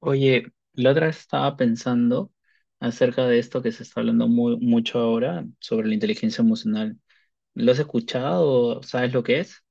Oye, la otra vez estaba pensando acerca de esto que se está hablando mucho ahora sobre la inteligencia emocional. ¿Lo has escuchado? ¿Sabes lo que es?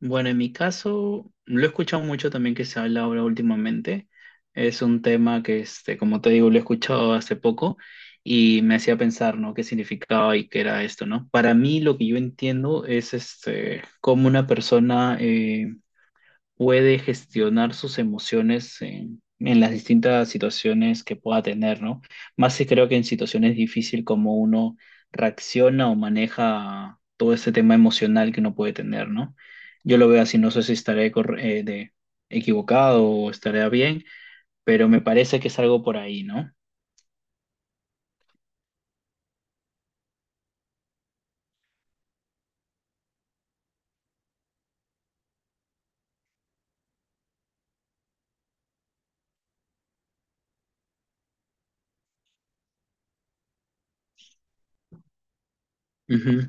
Bueno, en mi caso, lo he escuchado mucho también que se habla ahora últimamente. Es un tema que, como te digo, lo he escuchado hace poco y me hacía pensar, ¿no? ¿Qué significaba y qué era esto? ¿No? Para mí, lo que yo entiendo es, cómo una persona puede gestionar sus emociones en las distintas situaciones que pueda tener, ¿no? Más si creo que en situaciones difíciles como uno reacciona o maneja todo este tema emocional que uno puede tener, ¿no? Yo lo veo así, no sé si equivocado o estaré bien, pero me parece que es algo por ahí, ¿no? Ujú.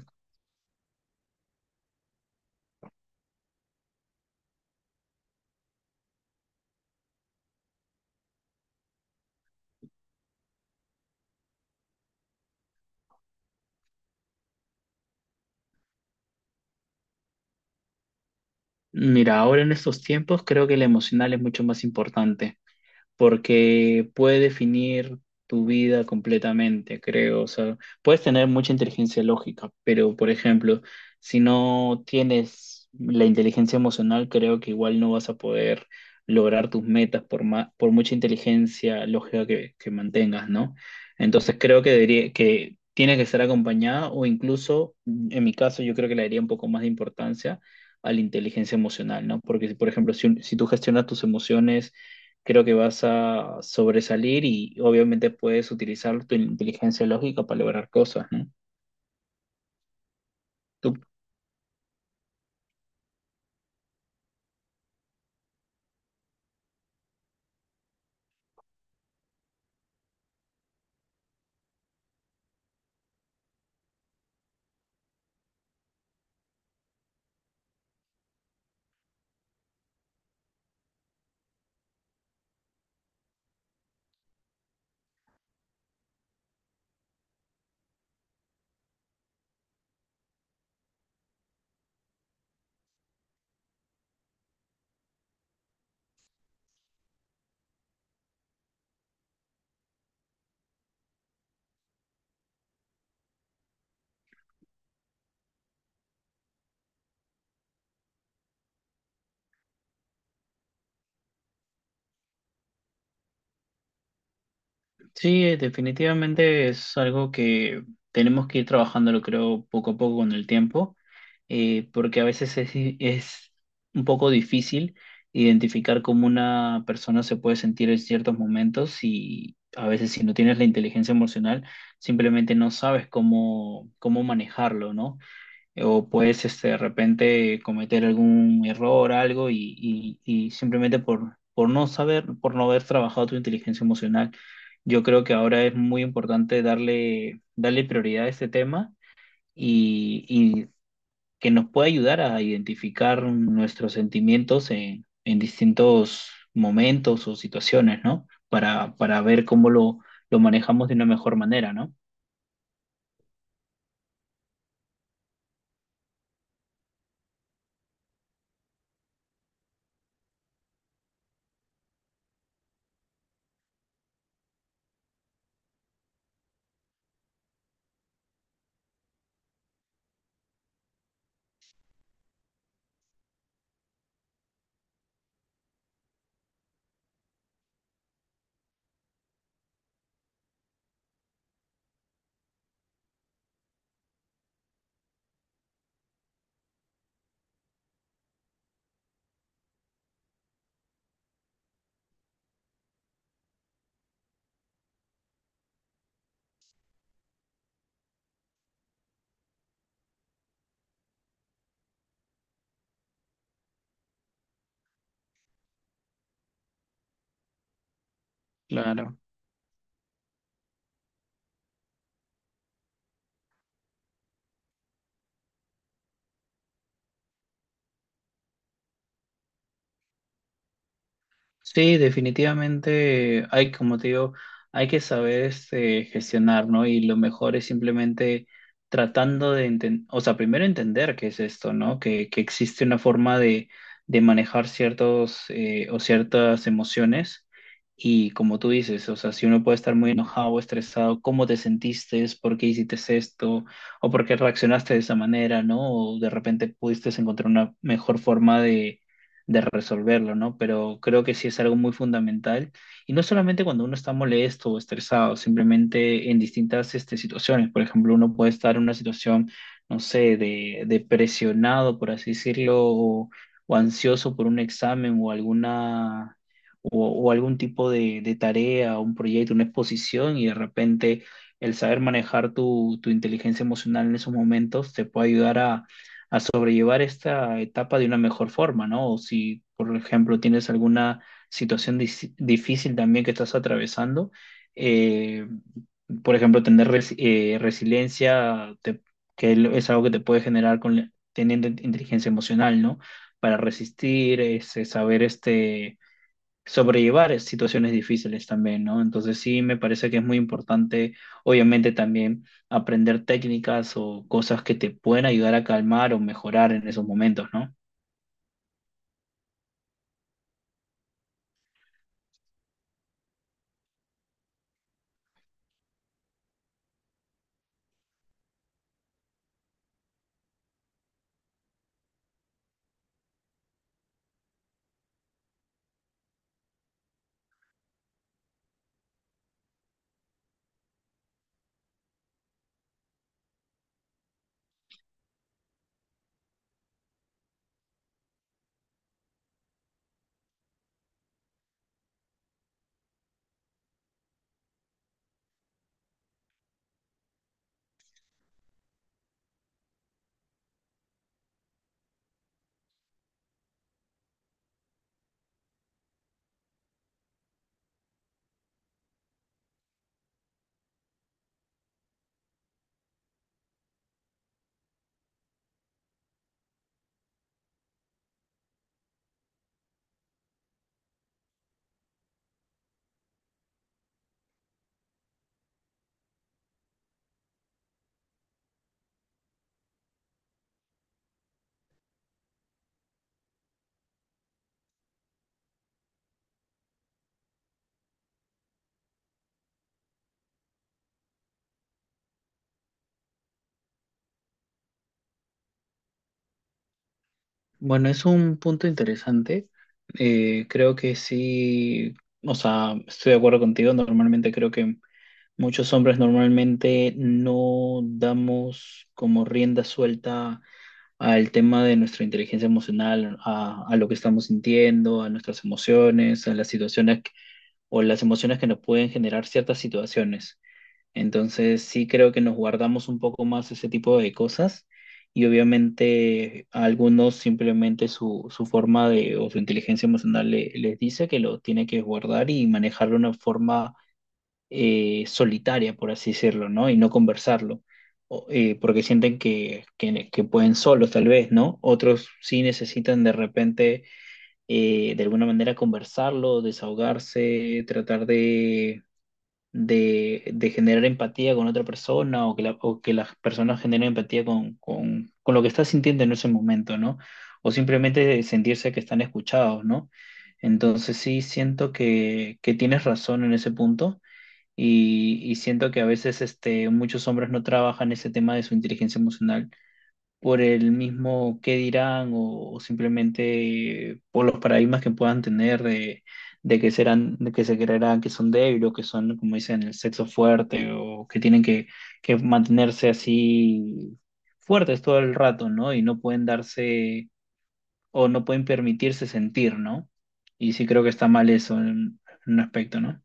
Mira, ahora en estos tiempos creo que el emocional es mucho más importante, porque puede definir tu vida completamente, creo. O sea, puedes tener mucha inteligencia lógica, pero por ejemplo, si no tienes la inteligencia emocional, creo que igual no vas a poder lograr tus metas por por mucha inteligencia lógica que, mantengas, ¿no? Entonces creo que que tiene que estar acompañada o incluso, en mi caso, yo creo que le daría un poco más de importancia a la inteligencia emocional, ¿no? Porque, si, por ejemplo, si tú gestionas tus emociones, creo que vas a sobresalir y obviamente puedes utilizar tu inteligencia lógica para lograr cosas, ¿no? Tú... sí, definitivamente es algo que tenemos que ir trabajándolo, creo, poco a poco con el tiempo, porque a veces es un poco difícil identificar cómo una persona se puede sentir en ciertos momentos, y a veces si no tienes la inteligencia emocional, simplemente no sabes cómo manejarlo, ¿no? O puedes de repente cometer algún error, algo, y simplemente por no saber, por no haber trabajado tu inteligencia emocional. Yo creo que ahora es muy importante darle prioridad a este tema y que nos pueda ayudar a identificar nuestros sentimientos en distintos momentos o situaciones, ¿no? Para ver lo manejamos de una mejor manera, ¿no? Claro. Sí, definitivamente hay, como te digo, hay que saber gestionar, ¿no? Y lo mejor es simplemente tratando de entender, o sea, primero entender qué es esto, ¿no? Que existe una forma de manejar ciertos o ciertas emociones. Y como tú dices, o sea, si uno puede estar muy enojado o estresado, ¿cómo te sentiste? ¿Por qué hiciste esto? ¿O por qué reaccionaste de esa manera? ¿No? O de repente pudiste encontrar una mejor forma de resolverlo, ¿no? Pero creo que sí es algo muy fundamental. Y no solamente cuando uno está molesto o estresado, simplemente en distintas situaciones. Por ejemplo, uno puede estar en una situación, no sé, de presionado, por así decirlo, o ansioso por un examen o alguna... O, o algún tipo de tarea, un proyecto, una exposición, y de repente el saber manejar tu inteligencia emocional en esos momentos te puede ayudar a sobrellevar esta etapa de una mejor forma, ¿no? O si, por ejemplo, tienes alguna situación difícil también que estás atravesando, eh, por ejemplo, tener resiliencia, es algo que te puede generar con teniendo inteligencia emocional, ¿no? Para resistir, saber sobrellevar situaciones difíciles también, ¿no? Entonces sí, me parece que es muy importante, obviamente también aprender técnicas o cosas que te pueden ayudar a calmar o mejorar en esos momentos, ¿no? Bueno, es un punto interesante. Creo que sí, o sea, estoy de acuerdo contigo. Normalmente creo que muchos hombres normalmente no damos como rienda suelta al tema de nuestra inteligencia emocional, a lo que estamos sintiendo, a nuestras emociones, a las situaciones que... o las emociones que nos pueden generar ciertas situaciones. Entonces, sí creo que nos guardamos un poco más ese tipo de cosas y obviamente a algunos simplemente su forma de o su inteligencia emocional les dice que lo tiene que guardar y manejarlo de una forma solitaria, por así decirlo, ¿no? Y no conversarlo, porque sienten que pueden solos, tal vez, ¿no? Otros sí necesitan de repente, de alguna manera, conversarlo, desahogarse, tratar de generar empatía con otra persona o o que las personas generen empatía con lo que está sintiendo en ese momento, ¿no? O simplemente sentirse que están escuchados, ¿no? Entonces sí siento que tienes razón en ese punto y siento que a veces muchos hombres no trabajan ese tema de su inteligencia emocional por el mismo qué dirán o simplemente por los paradigmas que puedan tener de que serán, de que se creerán que son débiles o que son, como dicen, el sexo fuerte o que tienen que mantenerse así fuertes todo el rato, ¿no? Y no pueden darse o no pueden permitirse sentir, ¿no? Y sí creo que está mal eso en un aspecto, ¿no?